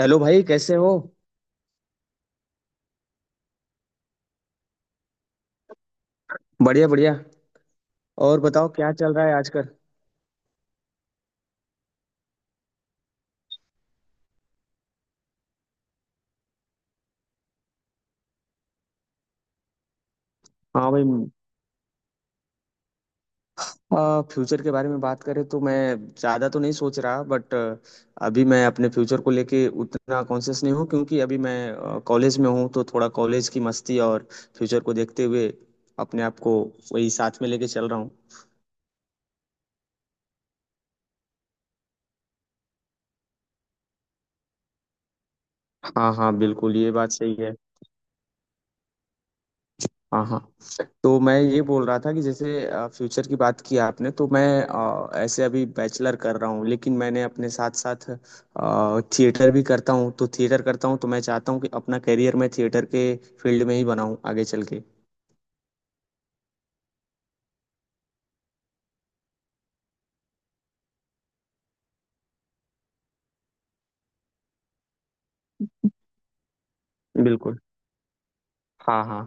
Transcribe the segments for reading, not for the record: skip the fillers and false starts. Hello भाई कैसे हो। बढ़िया बढ़िया। और बताओ क्या चल रहा है आजकल। हाँ भाई, फ्यूचर के बारे में बात करें तो मैं ज़्यादा तो नहीं सोच रहा बट अभी मैं अपने फ्यूचर को लेके उतना कॉन्शियस नहीं हूँ, क्योंकि अभी मैं कॉलेज में हूँ तो थोड़ा कॉलेज की मस्ती और फ्यूचर को देखते हुए अपने आप को वही साथ में लेके चल रहा हूँ। हाँ हाँ, बिल्कुल ये बात सही है। हाँ हाँ, तो मैं ये बोल रहा था कि जैसे फ्यूचर की बात की आपने, तो मैं ऐसे अभी बैचलर कर रहा हूँ लेकिन मैंने अपने साथ साथ थिएटर भी करता हूँ, तो थिएटर करता हूँ तो मैं चाहता हूँ कि अपना करियर मैं थिएटर के फील्ड में ही बनाऊँ आगे चल के। बिल्कुल। हाँ हाँ,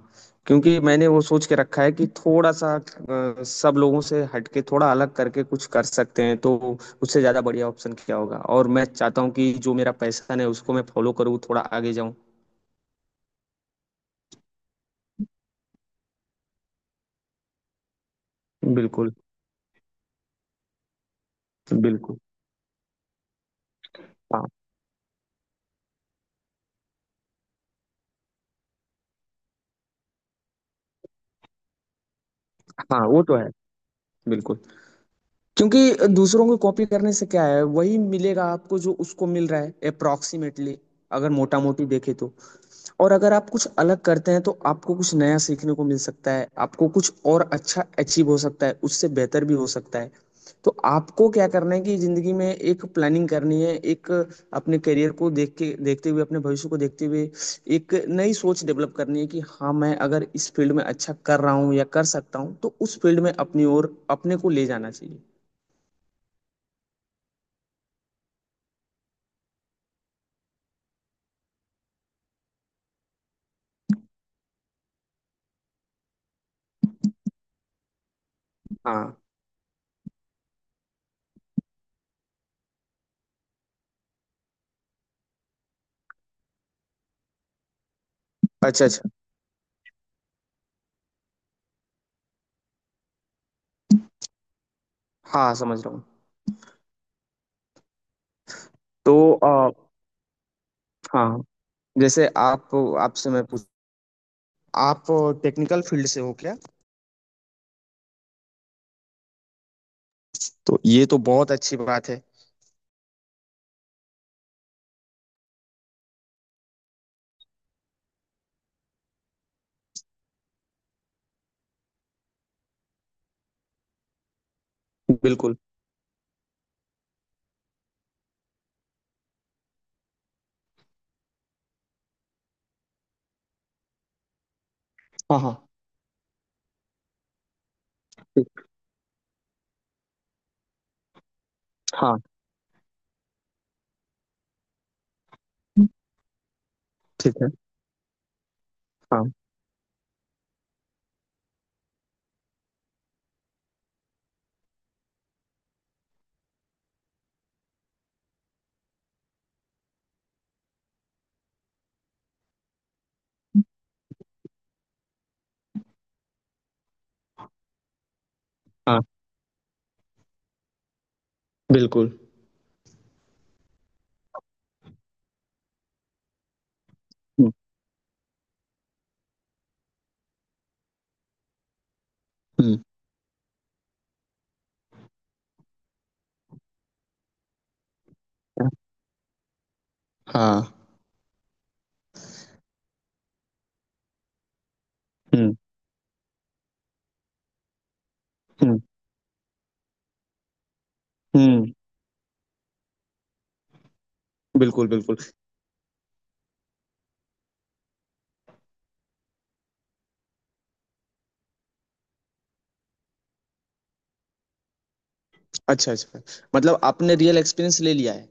क्योंकि मैंने वो सोच के रखा है कि थोड़ा सा सब लोगों से हटके थोड़ा अलग करके कुछ कर सकते हैं तो उससे ज़्यादा बढ़िया ऑप्शन क्या होगा, और मैं चाहता हूँ कि जो मेरा पैशन है उसको मैं फॉलो करूँ, थोड़ा आगे जाऊँ। बिल्कुल बिल्कुल। हाँ हाँ, वो तो है। बिल्कुल, क्योंकि दूसरों को कॉपी करने से क्या है, वही मिलेगा आपको जो उसको मिल रहा है अप्रोक्सीमेटली, अगर मोटा मोटी देखे तो। और अगर आप कुछ अलग करते हैं तो आपको कुछ नया सीखने को मिल सकता है, आपको कुछ और अच्छा अचीव हो सकता है, उससे बेहतर भी हो सकता है। तो आपको क्या करना है कि जिंदगी में एक प्लानिंग करनी है, एक अपने करियर को देख के देखते हुए, अपने भविष्य को देखते हुए एक नई सोच डेवलप करनी है कि हाँ, मैं अगर इस फील्ड में अच्छा कर रहा हूँ या कर सकता हूँ तो उस फील्ड में अपनी ओर अपने को ले जाना चाहिए। हाँ। अच्छा अच्छा। हाँ समझ रहा हूँ। तो आ, हाँ जैसे आप, आपसे मैं पूछ आप टेक्निकल फील्ड से हो क्या। तो ये तो बहुत अच्छी बात है। बिल्कुल। हाँ हाँ। ठीक-। हाँ ठीक है। हाँ हाँ। बिल्कुल। हम्म। हम्म। हाँ। हम्म। हम्म। हम्म। बिल्कुल बिल्कुल। अच्छा अच्छा। मतलब आपने रियल एक्सपीरियंस ले लिया है।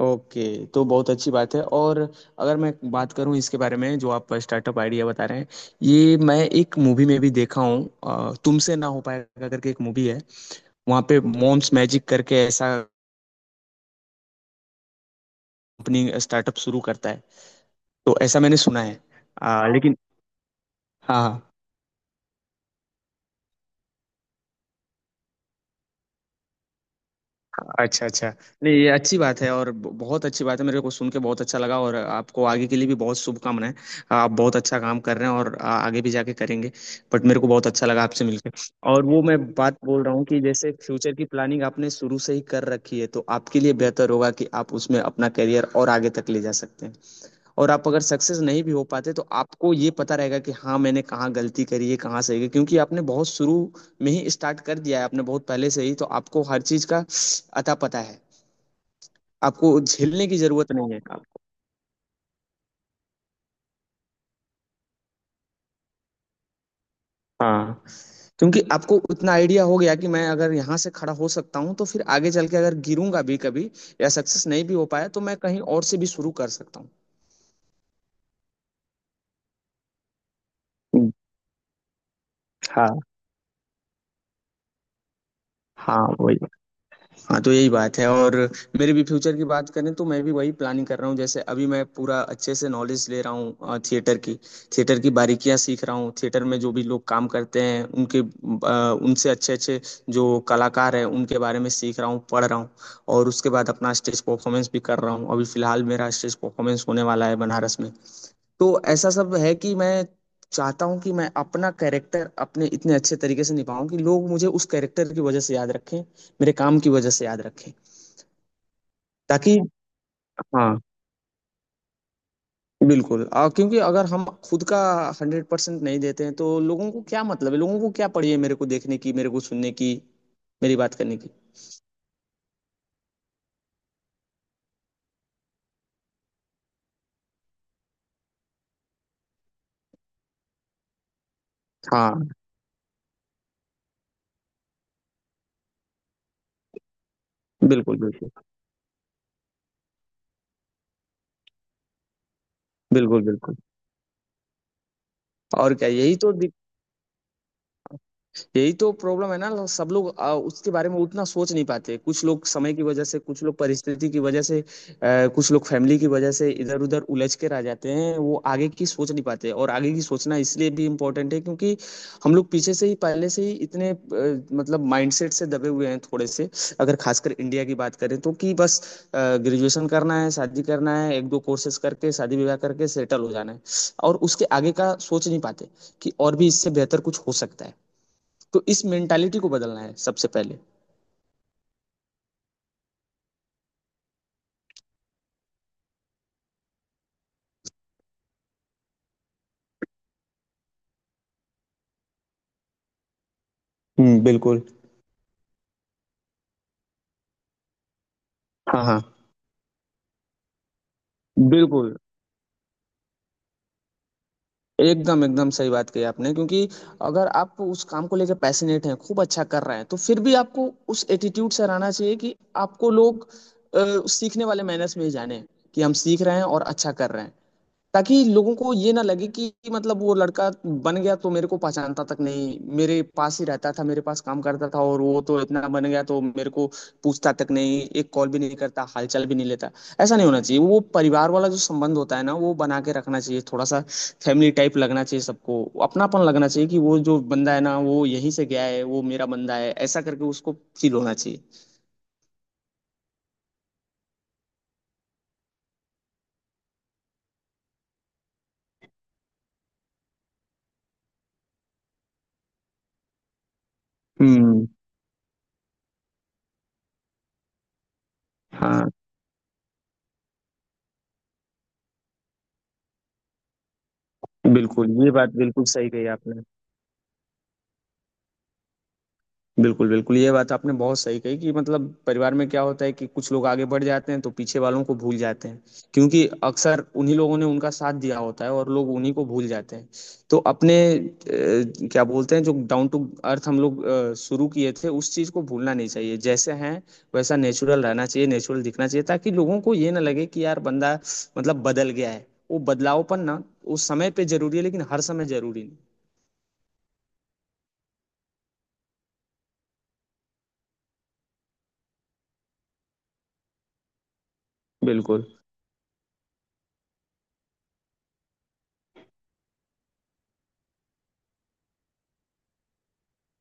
ओके, तो बहुत अच्छी बात है। और अगर मैं बात करूं इसके बारे में जो आप स्टार्टअप आइडिया बता रहे हैं, ये मैं एक मूवी में भी देखा हूं। तुमसे ना हो पाएगा करके एक मूवी है, वहां पे मॉम्स मैजिक करके ऐसा कंपनी स्टार्टअप शुरू करता है। तो ऐसा मैंने सुना है। लेकिन हाँ हाँ। अच्छा अच्छा। नहीं, ये अच्छी बात है और बहुत अच्छी बात है, मेरे को सुन के बहुत अच्छा लगा। और आपको आगे के लिए भी बहुत शुभकामनाएं, आप बहुत अच्छा काम कर रहे हैं और आगे भी जाके करेंगे। बट मेरे को बहुत अच्छा लगा आपसे मिलकर। और वो मैं बात बोल रहा हूँ कि जैसे फ्यूचर की प्लानिंग आपने शुरू से ही कर रखी है तो आपके लिए बेहतर होगा कि आप उसमें अपना करियर और आगे तक ले जा सकते हैं। और आप अगर सक्सेस नहीं भी हो पाते तो आपको ये पता रहेगा कि हाँ, मैंने कहाँ गलती करी है कहाँ सही है, क्योंकि आपने बहुत शुरू में ही स्टार्ट कर दिया है, आपने बहुत पहले से ही, तो आपको हर चीज का अता पता है। आपको झेलने की जरूरत नहीं है आपको। हाँ, क्योंकि आपको उतना आइडिया हो गया कि मैं अगर यहाँ से खड़ा हो सकता हूँ तो फिर आगे चल के अगर गिरूंगा भी कभी या सक्सेस नहीं भी हो पाया तो मैं कहीं और से भी शुरू कर सकता हूँ। हाँ। हाँ वही। हाँ, तो यही बात है। और मेरे भी फ्यूचर की बात करें तो मैं भी वही प्लानिंग कर रहा हूँ। जैसे अभी मैं पूरा अच्छे से नॉलेज ले रहा हूँ थिएटर की, थिएटर की बारीकियाँ सीख रहा हूँ, थिएटर में जो भी लोग काम करते हैं उनके उनसे अच्छे अच्छे जो कलाकार हैं उनके बारे में सीख रहा हूँ पढ़ रहा हूँ। और उसके बाद अपना स्टेज परफॉर्मेंस भी कर रहा हूँ, अभी फिलहाल मेरा स्टेज परफॉर्मेंस होने वाला है बनारस में। तो ऐसा सब है कि मैं चाहता हूँ कि मैं अपना कैरेक्टर अपने इतने अच्छे तरीके से निभाऊं कि लोग मुझे उस कैरेक्टर की वजह से याद रखें, मेरे काम की वजह से याद रखें। ताकि हाँ। बिल्कुल, और क्योंकि अगर हम खुद का 100% नहीं देते हैं तो लोगों को क्या मतलब है, लोगों को क्या पड़ी है मेरे को देखने की, मेरे को सुनने की, मेरी बात करने की। हाँ। बिल्कुल बिल्कुल। बिल्कुल बिल्कुल। और क्या, यही तो, यही तो प्रॉब्लम है ना। सब लोग उसके बारे में उतना सोच नहीं पाते, कुछ लोग समय की वजह से, कुछ लोग परिस्थिति की वजह से, कुछ लोग फैमिली की वजह से इधर उधर उलझ के रह जाते हैं, वो आगे की सोच नहीं पाते। और आगे की सोचना इसलिए भी इम्पोर्टेंट है क्योंकि हम लोग पीछे से ही, पहले से ही इतने मतलब माइंडसेट से दबे हुए हैं थोड़े से। अगर खासकर इंडिया की बात करें, तो कि बस ग्रेजुएशन करना है, शादी करना है, एक दो कोर्सेज करके शादी विवाह करके सेटल हो जाना है और उसके आगे का सोच नहीं पाते कि और भी इससे बेहतर कुछ हो सकता है। तो इस मेंटालिटी को बदलना है सबसे पहले। हम्म, बिल्कुल। हाँ हाँ। बिल्कुल, एकदम एकदम सही बात कही आपने, क्योंकि अगर आप उस काम को लेकर पैशनेट हैं, खूब अच्छा कर रहे हैं, तो फिर भी आपको उस एटीट्यूड से रहना चाहिए कि आपको लोग अ, सीखने वाले मैनर्स में ही जाने कि हम सीख रहे हैं और अच्छा कर रहे हैं। ताकि लोगों को ये ना लगे कि मतलब वो लड़का बन गया तो मेरे को पहचानता तक नहीं, मेरे पास ही रहता था, मेरे पास काम करता था और वो तो इतना बन गया तो मेरे को पूछता तक नहीं, एक कॉल भी नहीं करता, हालचाल भी नहीं लेता। ऐसा नहीं होना चाहिए। वो परिवार वाला जो संबंध होता है ना, वो बना के रखना चाहिए थोड़ा सा। फैमिली टाइप लगना चाहिए सबको, अपनापन लगना चाहिए कि वो जो बंदा है ना, वो यहीं से गया है, वो मेरा बंदा है, ऐसा करके उसको फील होना चाहिए। हम्म। हाँ बिल्कुल, ये बात बिल्कुल सही कही आपने। बिल्कुल, बिल्कुल, ये बात आपने बहुत सही कही कि मतलब परिवार में क्या होता है कि कुछ लोग आगे बढ़ जाते हैं तो पीछे वालों को भूल जाते हैं, क्योंकि अक्सर उन्हीं लोगों ने उनका साथ दिया होता है और लोग उन्हीं को भूल जाते हैं। तो अपने क्या बोलते हैं, जो डाउन टू अर्थ हम लोग शुरू किए थे उस चीज़ को भूलना नहीं चाहिए। जैसे हैं वैसा नेचुरल रहना चाहिए, नेचुरल दिखना चाहिए, ताकि लोगों को ये ना लगे कि यार बंदा मतलब बदल गया है। वो बदलावपन ना उस समय पे ज़रूरी है लेकिन हर समय ज़रूरी नहीं। बिल्कुल,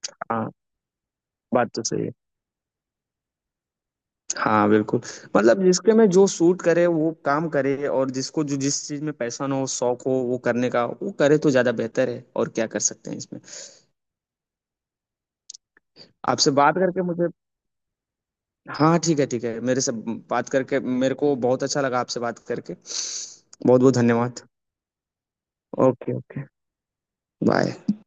हाँ, बात तो सही है। हाँ बिल्कुल। मतलब जिसके में जो सूट करे वो काम करे, और जिसको जो जिस चीज में पैशन हो शौक हो वो करने का वो करे तो ज्यादा बेहतर है, और क्या कर सकते हैं इसमें। आपसे बात करके मुझे, हाँ ठीक है ठीक है, मेरे से बात करके, मेरे को बहुत अच्छा लगा आपसे बात करके। बहुत बहुत धन्यवाद। Okay okay. बाय।